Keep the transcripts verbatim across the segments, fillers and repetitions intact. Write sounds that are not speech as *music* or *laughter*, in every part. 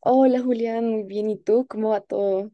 Hola Julián, muy bien. ¿Y tú? ¿Cómo va todo?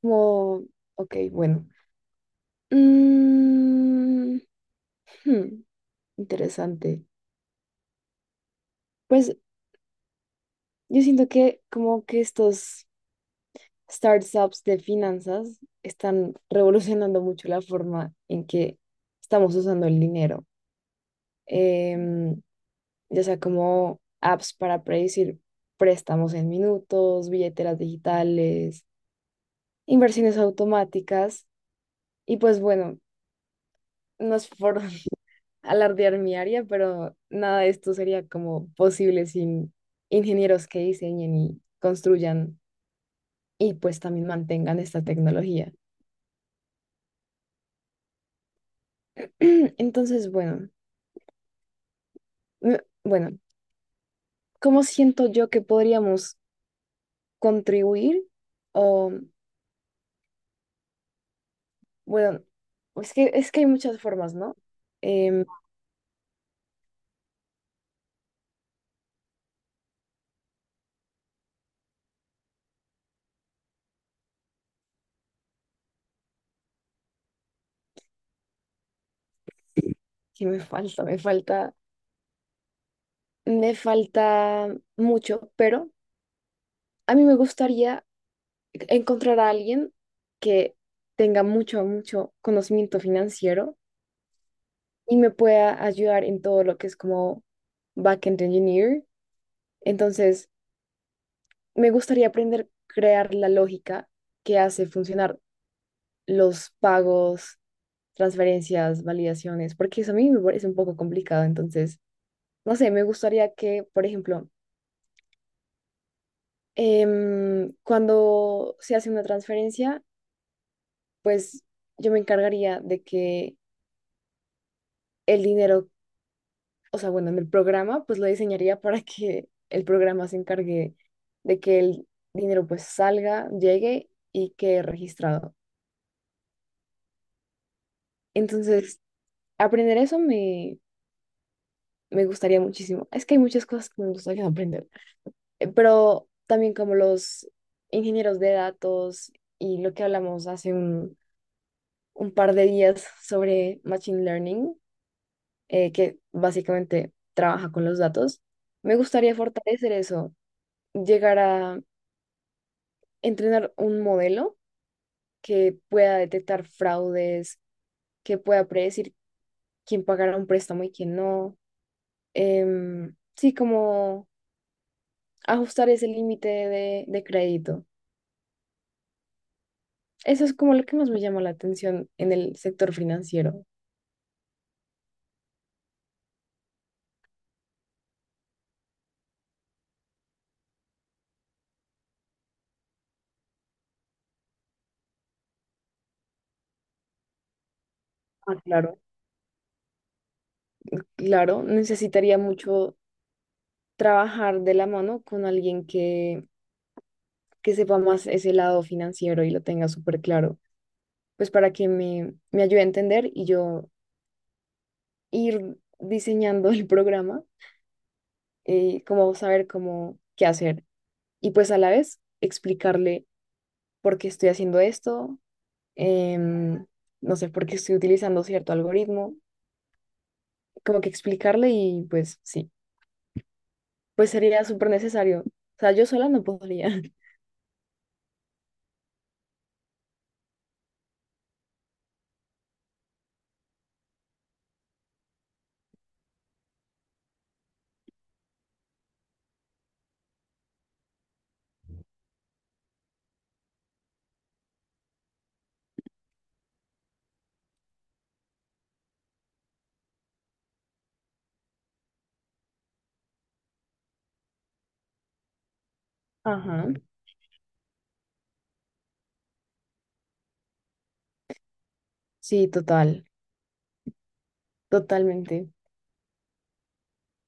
Como, ok, bueno. Mm, hmm, Interesante. Pues yo siento que como que estos startups de finanzas están revolucionando mucho la forma en que estamos usando el dinero. Em, ya sea como apps para predecir préstamos en minutos, billeteras digitales, inversiones automáticas. Y pues bueno, nos forjamos alardear mi área, pero nada de esto sería como posible sin ingenieros que diseñen y construyan y pues también mantengan esta tecnología. *clears throat* Entonces, bueno, me- bueno, ¿cómo siento yo que podríamos contribuir? O, bueno, es que, es que hay muchas formas, ¿no? Em, que me falta, me falta, me falta mucho, pero a mí me gustaría encontrar a alguien que tenga mucho, mucho conocimiento financiero y me pueda ayudar en todo lo que es como backend engineer. Entonces, me gustaría aprender a crear la lógica que hace funcionar los pagos, transferencias, validaciones, porque eso a mí me parece un poco complicado. Entonces, no sé, me gustaría que, por ejemplo, em, cuando se hace una transferencia, pues yo me encargaría de que el dinero, o sea, bueno, en el programa, pues lo diseñaría para que el programa se encargue de que el dinero pues salga, llegue y quede registrado. Entonces, aprender eso me, me gustaría muchísimo. Es que hay muchas cosas que me gustaría aprender, Eh, pero también como los ingenieros de datos y lo que hablamos hace un, un par de días sobre Machine Learning, eh, que básicamente trabaja con los datos. Me gustaría fortalecer eso, llegar a entrenar un modelo que pueda detectar fraudes, que pueda predecir quién pagará un préstamo y quién no. Em, sí, como ajustar ese límite de, de crédito. Eso es como lo que más me llama la atención en el sector financiero. Ah, claro. Claro, necesitaría mucho trabajar de la mano con alguien que, que sepa más ese lado financiero y lo tenga súper claro, pues para que me, me ayude a entender y yo ir diseñando el programa, eh, como saber cómo qué hacer y pues a la vez explicarle por qué estoy haciendo esto, em, no sé, por qué estoy utilizando cierto algoritmo, como que explicarle, y pues sí, pues sería súper necesario. O sea, yo sola no podría. *laughs* Ajá, sí, total, totalmente.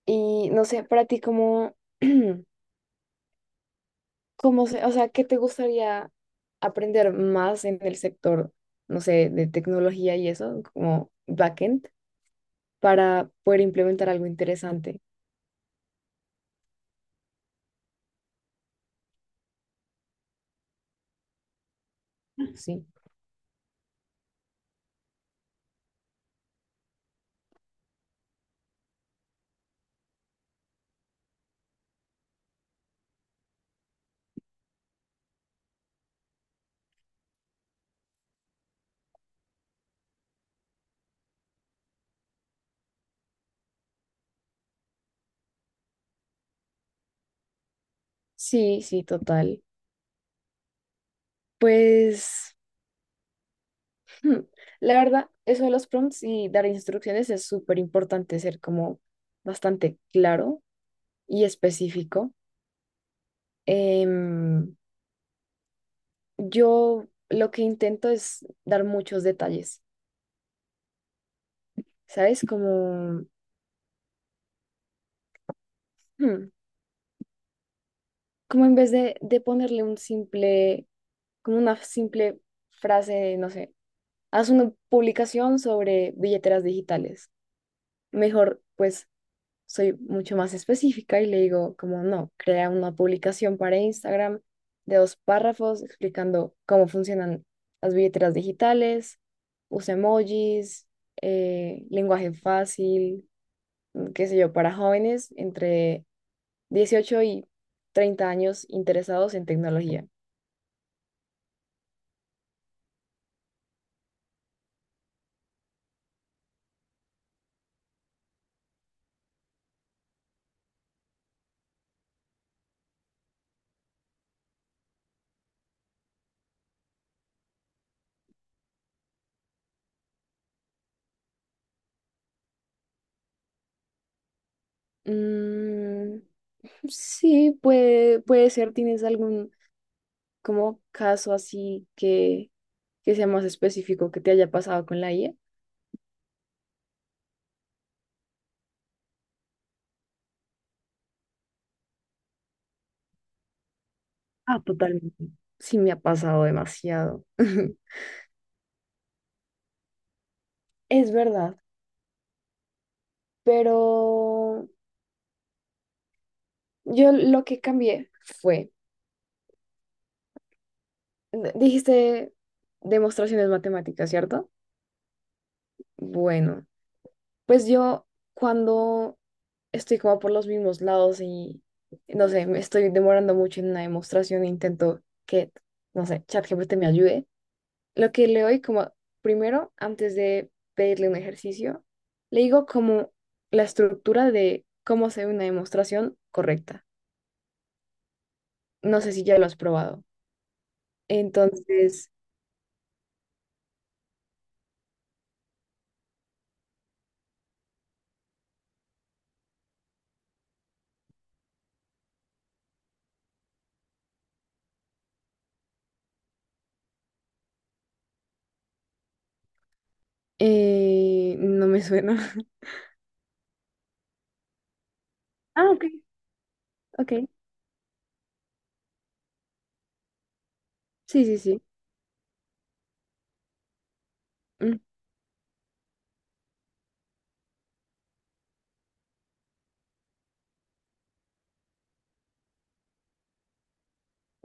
Y no sé, para ti, ¿cómo, *clears throat* cómo se, o sea, qué te gustaría aprender más en el sector, no sé, de tecnología y eso, como backend, para poder implementar algo interesante? Sí, sí, sí, total. Pues, hmm, la verdad, eso de los prompts y dar instrucciones es súper importante, ser como bastante claro y específico. Em, yo lo que intento es dar muchos detalles, ¿sabes? Como, hmm, como en vez de, de ponerle un simple, como una simple frase, no sé, haz una publicación sobre billeteras digitales, mejor pues soy mucho más específica y le digo como, no, crea una publicación para Instagram de dos párrafos explicando cómo funcionan las billeteras digitales, usa emojis, eh, lenguaje fácil, qué sé yo, para jóvenes entre dieciocho y treinta años interesados en tecnología. Mm, sí, puede, puede ser. ¿Tienes algún como caso así que, que sea más específico que te haya pasado con la I A? Ah, totalmente. Sí, me ha pasado demasiado. *laughs* Es verdad, pero yo lo que cambié fue, d- dijiste demostraciones matemáticas, ¿cierto? Bueno, pues yo cuando estoy como por los mismos lados y no sé, me estoy demorando mucho en una demostración, intento que, no sé, ChatGPT me ayude. Lo que le doy como primero, antes de pedirle un ejercicio, le digo como la estructura de cómo hacer una demostración correcta. No sé si ya lo has probado. Entonces, eh, no me suena. *laughs* Ah, ok, ok. Sí, sí, sí. Mm,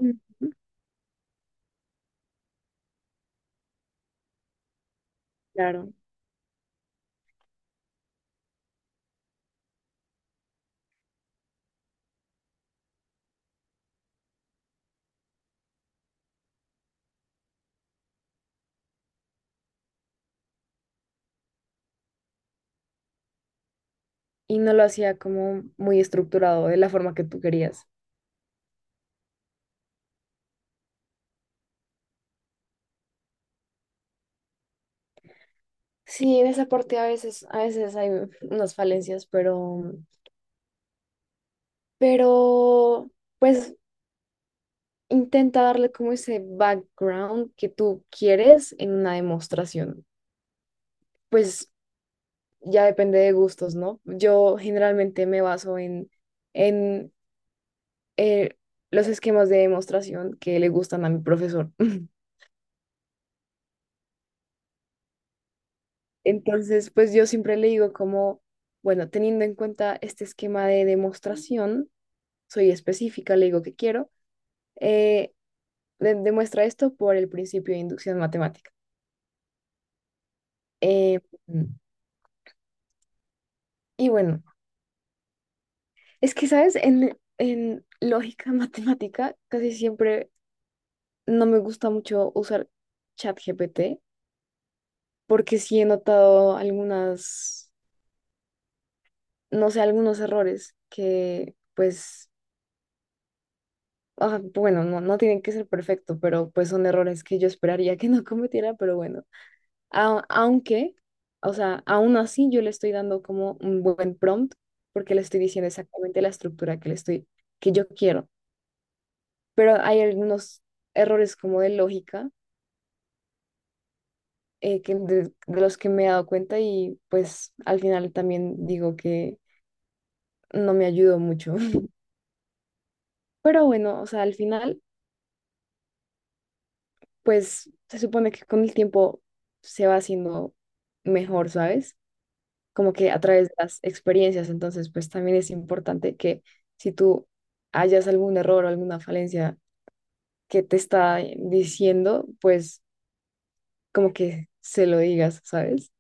mm, mm, claro. Y no lo hacía como muy estructurado, de la forma que tú querías. Sí, en esa parte a veces, a veces hay unas falencias, pero, pero, pues intenta darle como ese background que tú quieres en una demostración. Pues ya depende de gustos, ¿no? Yo generalmente me baso en, en eh, los esquemas de demostración que le gustan a mi profesor. *laughs* Entonces, pues yo siempre le digo como, bueno, teniendo en cuenta este esquema de demostración, soy específica, le digo que quiero, eh, de- demuestra esto por el principio de inducción matemática. Eh, y bueno. Es que, ¿sabes? En, en lógica *laughs* matemática casi siempre no me gusta mucho usar ChatGPT, porque sí he notado algunas, no sé, algunos errores que pues, ah, bueno, no, no tienen que ser perfecto, pero pues son errores que yo esperaría que no *laughs* cometiera, pero bueno, A- aunque, o sea, aún así yo le estoy dando como un buen prompt porque le estoy diciendo exactamente la estructura que le estoy, que yo quiero, pero hay algunos errores como de lógica, eh, que de, de los que me he dado cuenta, y pues al final también digo que no me ayudó mucho. *laughs* Pero bueno, o sea, al final pues se supone que con el tiempo se va haciendo mejor, ¿sabes? Como que a través de las experiencias. Entonces pues también es importante que si tú hallas algún error o alguna falencia que te está diciendo, pues como que se lo digas, ¿sabes?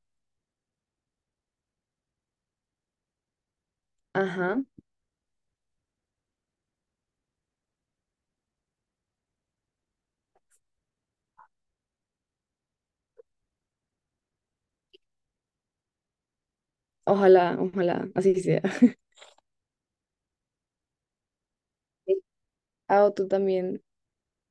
Ajá, ojalá, ojalá, así sea. *laughs* Ah, o tú también.